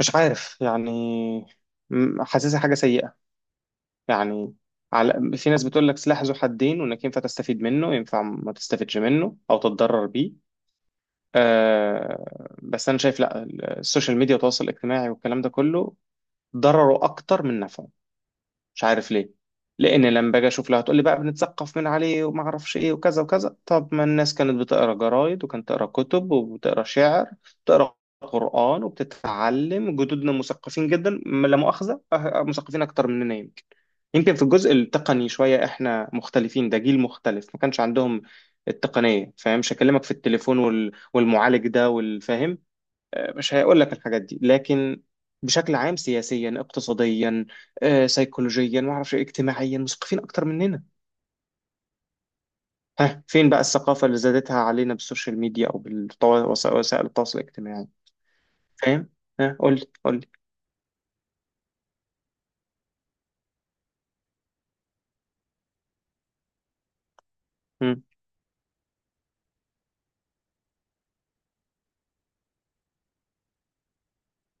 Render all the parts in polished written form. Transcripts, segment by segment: مش عارف يعني. حاسسها حاجة سيئة يعني. على في ناس بتقول لك سلاح ذو حدين، وانك ينفع تستفيد منه ينفع ما تستفيدش منه او تتضرر بيه. آه بس انا شايف لا، السوشيال ميديا والتواصل الاجتماعي والكلام ده كله ضرره اكتر من نفعه. مش عارف ليه. لان لما باجي اشوف لها هتقول لي بقى بنتثقف من عليه وما اعرفش ايه وكذا وكذا. طب ما الناس كانت بتقرا جرايد وكانت تقرا كتب وبتقرا شعر، بتقرا قرآن وبتتعلم. جدودنا مثقفين جدا، لا مؤاخذة، أه- أه، مثقفين أكتر مننا يمكن. يمكن في الجزء التقني شوية إحنا مختلفين، ده جيل مختلف ما كانش عندهم التقنية، فاهم؟ مش هكلمك في التليفون والمعالج ده والفاهم، مش هيقول لك الحاجات دي. لكن بشكل عام سياسيا اقتصاديا سيكولوجيا ما اعرفش إيه، اجتماعيا مثقفين اكتر مننا. ها، فين بقى الثقافة اللي زادتها علينا بالسوشيال ميديا او بوسائل التواصل الاجتماعي؟ فاهم؟ ها قول لي قول لي. مم،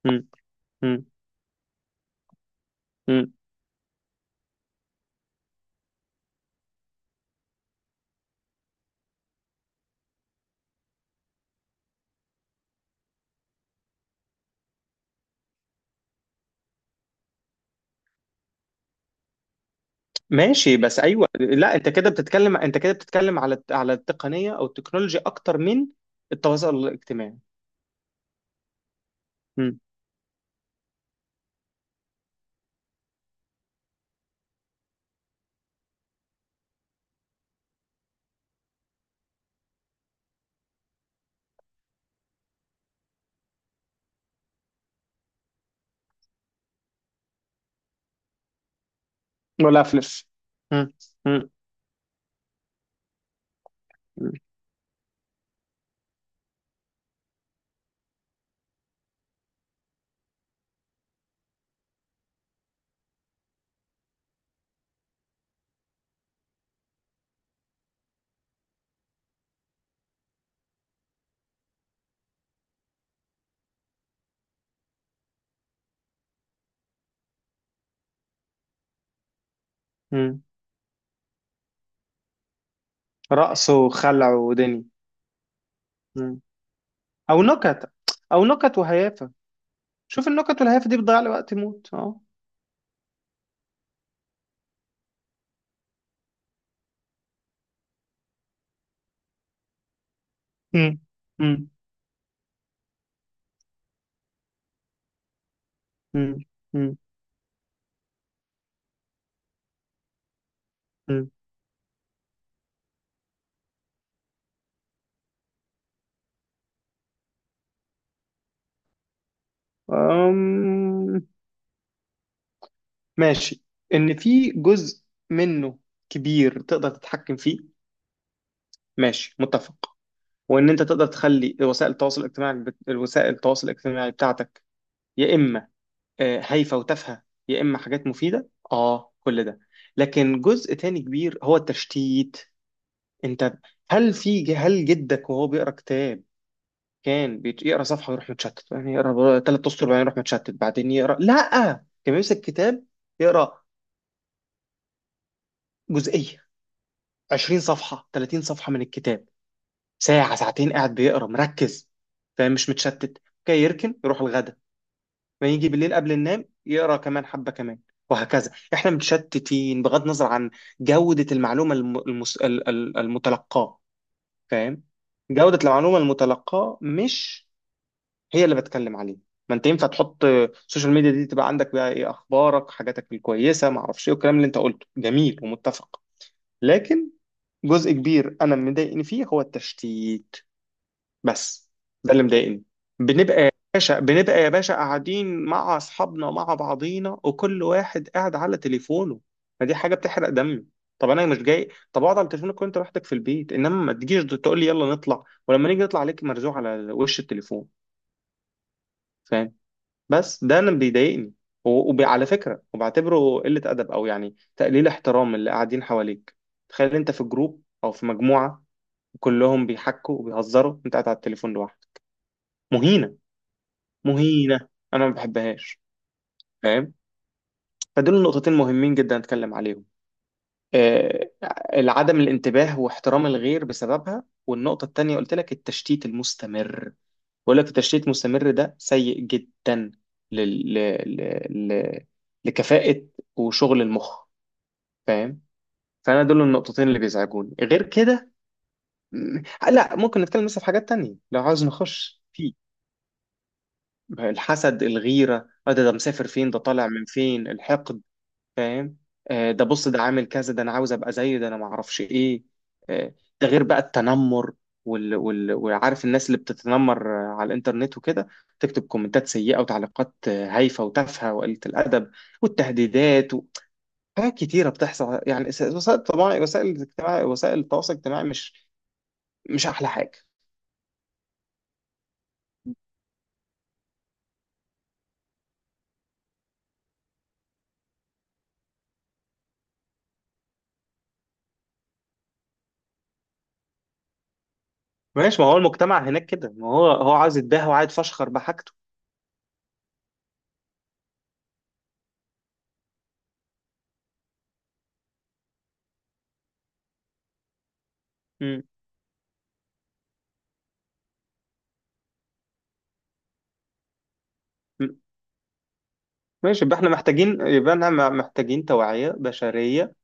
مم، مم، مم. ماشي بس ايوه، لا انت كده بتتكلم، انت كده بتتكلم على التقنية او التكنولوجيا اكتر من التواصل الاجتماعي. مم. ولا افلس. مم، مم، مم، مم. رقص وخلع ودني. او نكت او نكت وهيافه. شوف النكت والهيافه دي بتضيع لي وقت موت، اه. امم، امم. امم، امم. أمم. أمم. ماشي، ان في جزء منه كبير تقدر تتحكم فيه، ماشي، متفق. وان انت تقدر تخلي وسائل التواصل الاجتماعي الوسائل التواصل الاجتماعي بتاعتك، يا اما هايفه وتافهه، يا اما حاجات مفيده اه كل ده. لكن جزء تاني كبير هو التشتيت. انت، هل في، هل جدك وهو بيقرا كتاب كان يقرا صفحه ويروح متشتت؟ يعني يقرا ثلاث اسطر بعدين يروح متشتت بعدين يقرا؟ لا، كان بيمسك كتاب يقرا جزئيه، 20 صفحه 30 صفحه من الكتاب، ساعه ساعتين قاعد بيقرا مركز، فاهم؟ مش متشتت. كان يركن يروح الغدا، ما يجي بالليل قبل النوم يقرا كمان حبه كمان، وهكذا. احنا متشتتين بغض النظر عن جوده المعلومه المتلقاه، فاهم؟ جوده المعلومه المتلقاه مش هي اللي بتكلم عليه. ما انت ينفع تحط السوشيال ميديا دي تبقى عندك بقى ايه اخبارك حاجاتك الكويسه ما اعرفش ايه، والكلام اللي انت قلته جميل ومتفق. لكن جزء كبير انا اللي مضايقني فيه هو التشتيت بس، ده اللي مضايقني. بنبقى يا باشا، بنبقى يا باشا قاعدين مع اصحابنا مع بعضينا وكل واحد قاعد على تليفونه. ما دي حاجه بتحرق دمي. طب انا مش جاي، طب اقعد على تليفونك وانت لوحدك في البيت، انما ما تجيش تقول لي يلا نطلع ولما نيجي نطلع عليك مرزوع على وش التليفون، فاهم؟ بس ده انا بيضايقني. وعلى فكره وبعتبره قله ادب، او يعني تقليل احترام اللي قاعدين حواليك. تخيل انت في جروب او في مجموعه كلهم بيحكوا وبيهزروا، انت قاعد على التليفون لوحدك، مهينه. مهينه. انا ما بحبهاش، فاهم؟ فدول نقطتين مهمين جدا اتكلم عليهم. آه، العدم الانتباه واحترام الغير بسببها، والنقطه التانيه قلت لك التشتيت المستمر. بقول لك التشتيت المستمر ده سيء جدا لل... ل... ل... ل... لكفاءة وشغل المخ، فاهم؟ فأنا دول النقطتين اللي بيزعجوني. غير كده، م- لا ممكن نتكلم مثلا في حاجات تانية لو عاوز نخش في الحسد الغيرة. آه ده، ده مسافر فين، ده طالع من فين، الحقد، فاهم؟ ده بص ده عامل كذا، ده انا عاوز ابقى زيه، ده انا ما اعرفش ايه. آه، ده غير بقى التنمر وعارف الناس اللي بتتنمر على الانترنت وكده، تكتب كومنتات سيئة وتعليقات هايفة وتافهة وقلة الأدب والتهديدات حاجات كتيرة بتحصل يعني. وسائل، طبعا وسائل الاجتماع وسائل التواصل الاجتماعي مش أحلى حاجة. ماشي ما هو المجتمع هناك كده، ما هو هو عاوز يتباهى وعايز يفشخر بحاجته. مم. ماشي، يبقى احنا محتاجين، يبقى احنا محتاجين توعية بشرية.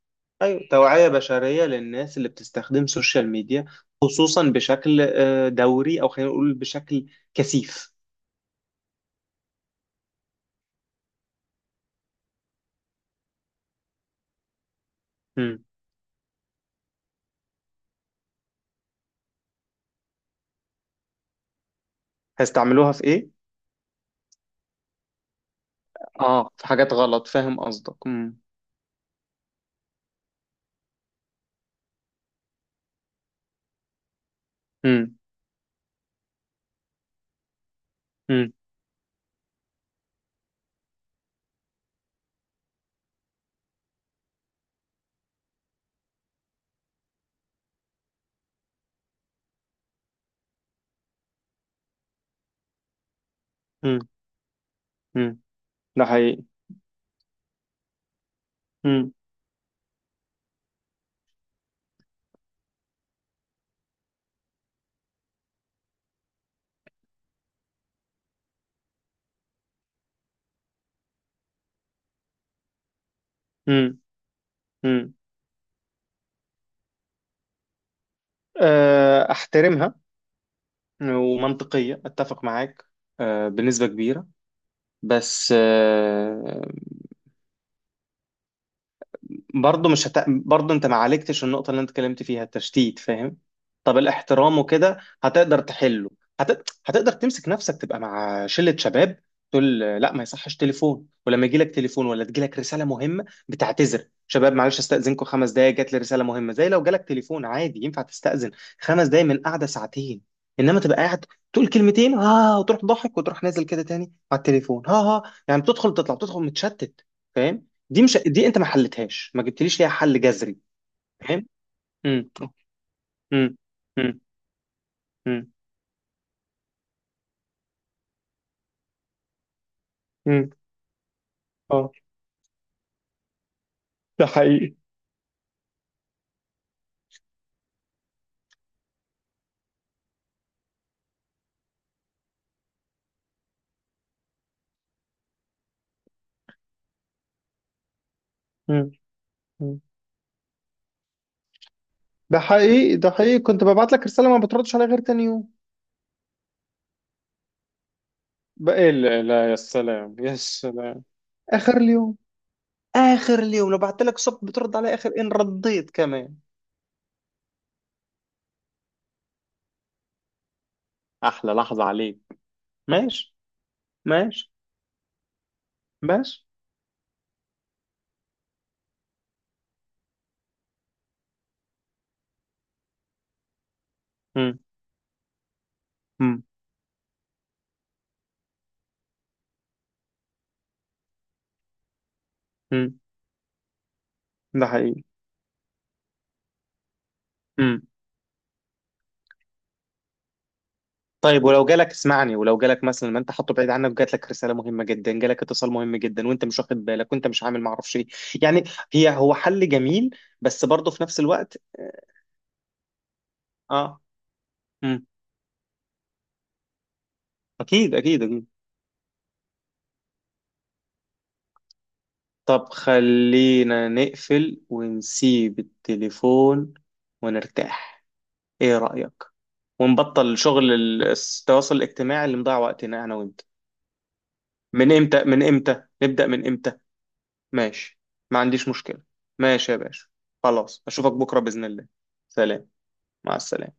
أيوة توعية بشرية للناس اللي بتستخدم السوشيال ميديا، خصوصا بشكل دوري، أو خلينا نقول بشكل كثيف. مم. هيستعملوها في إيه؟ آه في حاجات غلط، فاهم قصدك. مم. مم. مم. مم. مم. ده حقيقي. مم. مم. مم. أحترمها ومنطقية، أتفق معاك بنسبة كبيرة. بس آه، برضه مش هت... برضه انت ما عالجتش النقطة اللي انت اتكلمت فيها التشتيت، فاهم؟ طب الاحترام وكده هتقدر تحله. هتقدر تمسك نفسك تبقى مع شلة شباب تقول لا ما يصحش تليفون، ولما يجي لك تليفون ولا تجي لك رسالة مهمة بتعتذر: شباب معلش استأذنكم خمس دقايق، جات لي رسالة مهمة. زي لو جالك تليفون عادي ينفع تستأذن خمس دقايق من قعدة ساعتين، انما تبقى قاعد تقول كلمتين ها وتروح ضحك وتروح نازل كده تاني على التليفون، ها ها، يعني بتدخل تطلع بتدخل متشتت، فاهم؟ دي مش، دي انت ما حلتهاش، ما جبتليش ليها حل جذري، فاهم؟ امم، امم. امم، امم. مم. اه، ده حقيقي. مم. مم. ده حقيقي، ده حقيقي، كنت ببعت لك رسالة ما بتردش عليها غير تاني يوم. بقى إيه؟ لا لا، يا سلام يا سلام. آخر اليوم، اخر اليوم، لو بعت لك صبح بترد على اخر، ان رديت كمان. احلى لحظة عليك. ماشي. ماشي. ماشي. امم، امم. ده حقيقي. مم. طيب ولو جالك، اسمعني، ولو جالك مثلا ما انت حاطه بعيد عنك وجات لك رساله مهمه جدا، جالك اتصال مهم جدا وانت مش واخد بالك وانت مش عامل ما اعرفش ايه، يعني، هي هو حل جميل بس برضه في نفس الوقت. اه، امم. اكيد اكيد اكيد. طب خلينا نقفل ونسيب التليفون ونرتاح، ايه رأيك؟ ونبطل شغل التواصل الاجتماعي اللي مضيع وقتنا انا وانت. من امتى، من امتى نبدأ، من امتى؟ ماشي، ما عنديش مشكلة. ماشي يا باشا. خلاص، أشوفك بكرة بإذن الله. سلام. مع السلامة.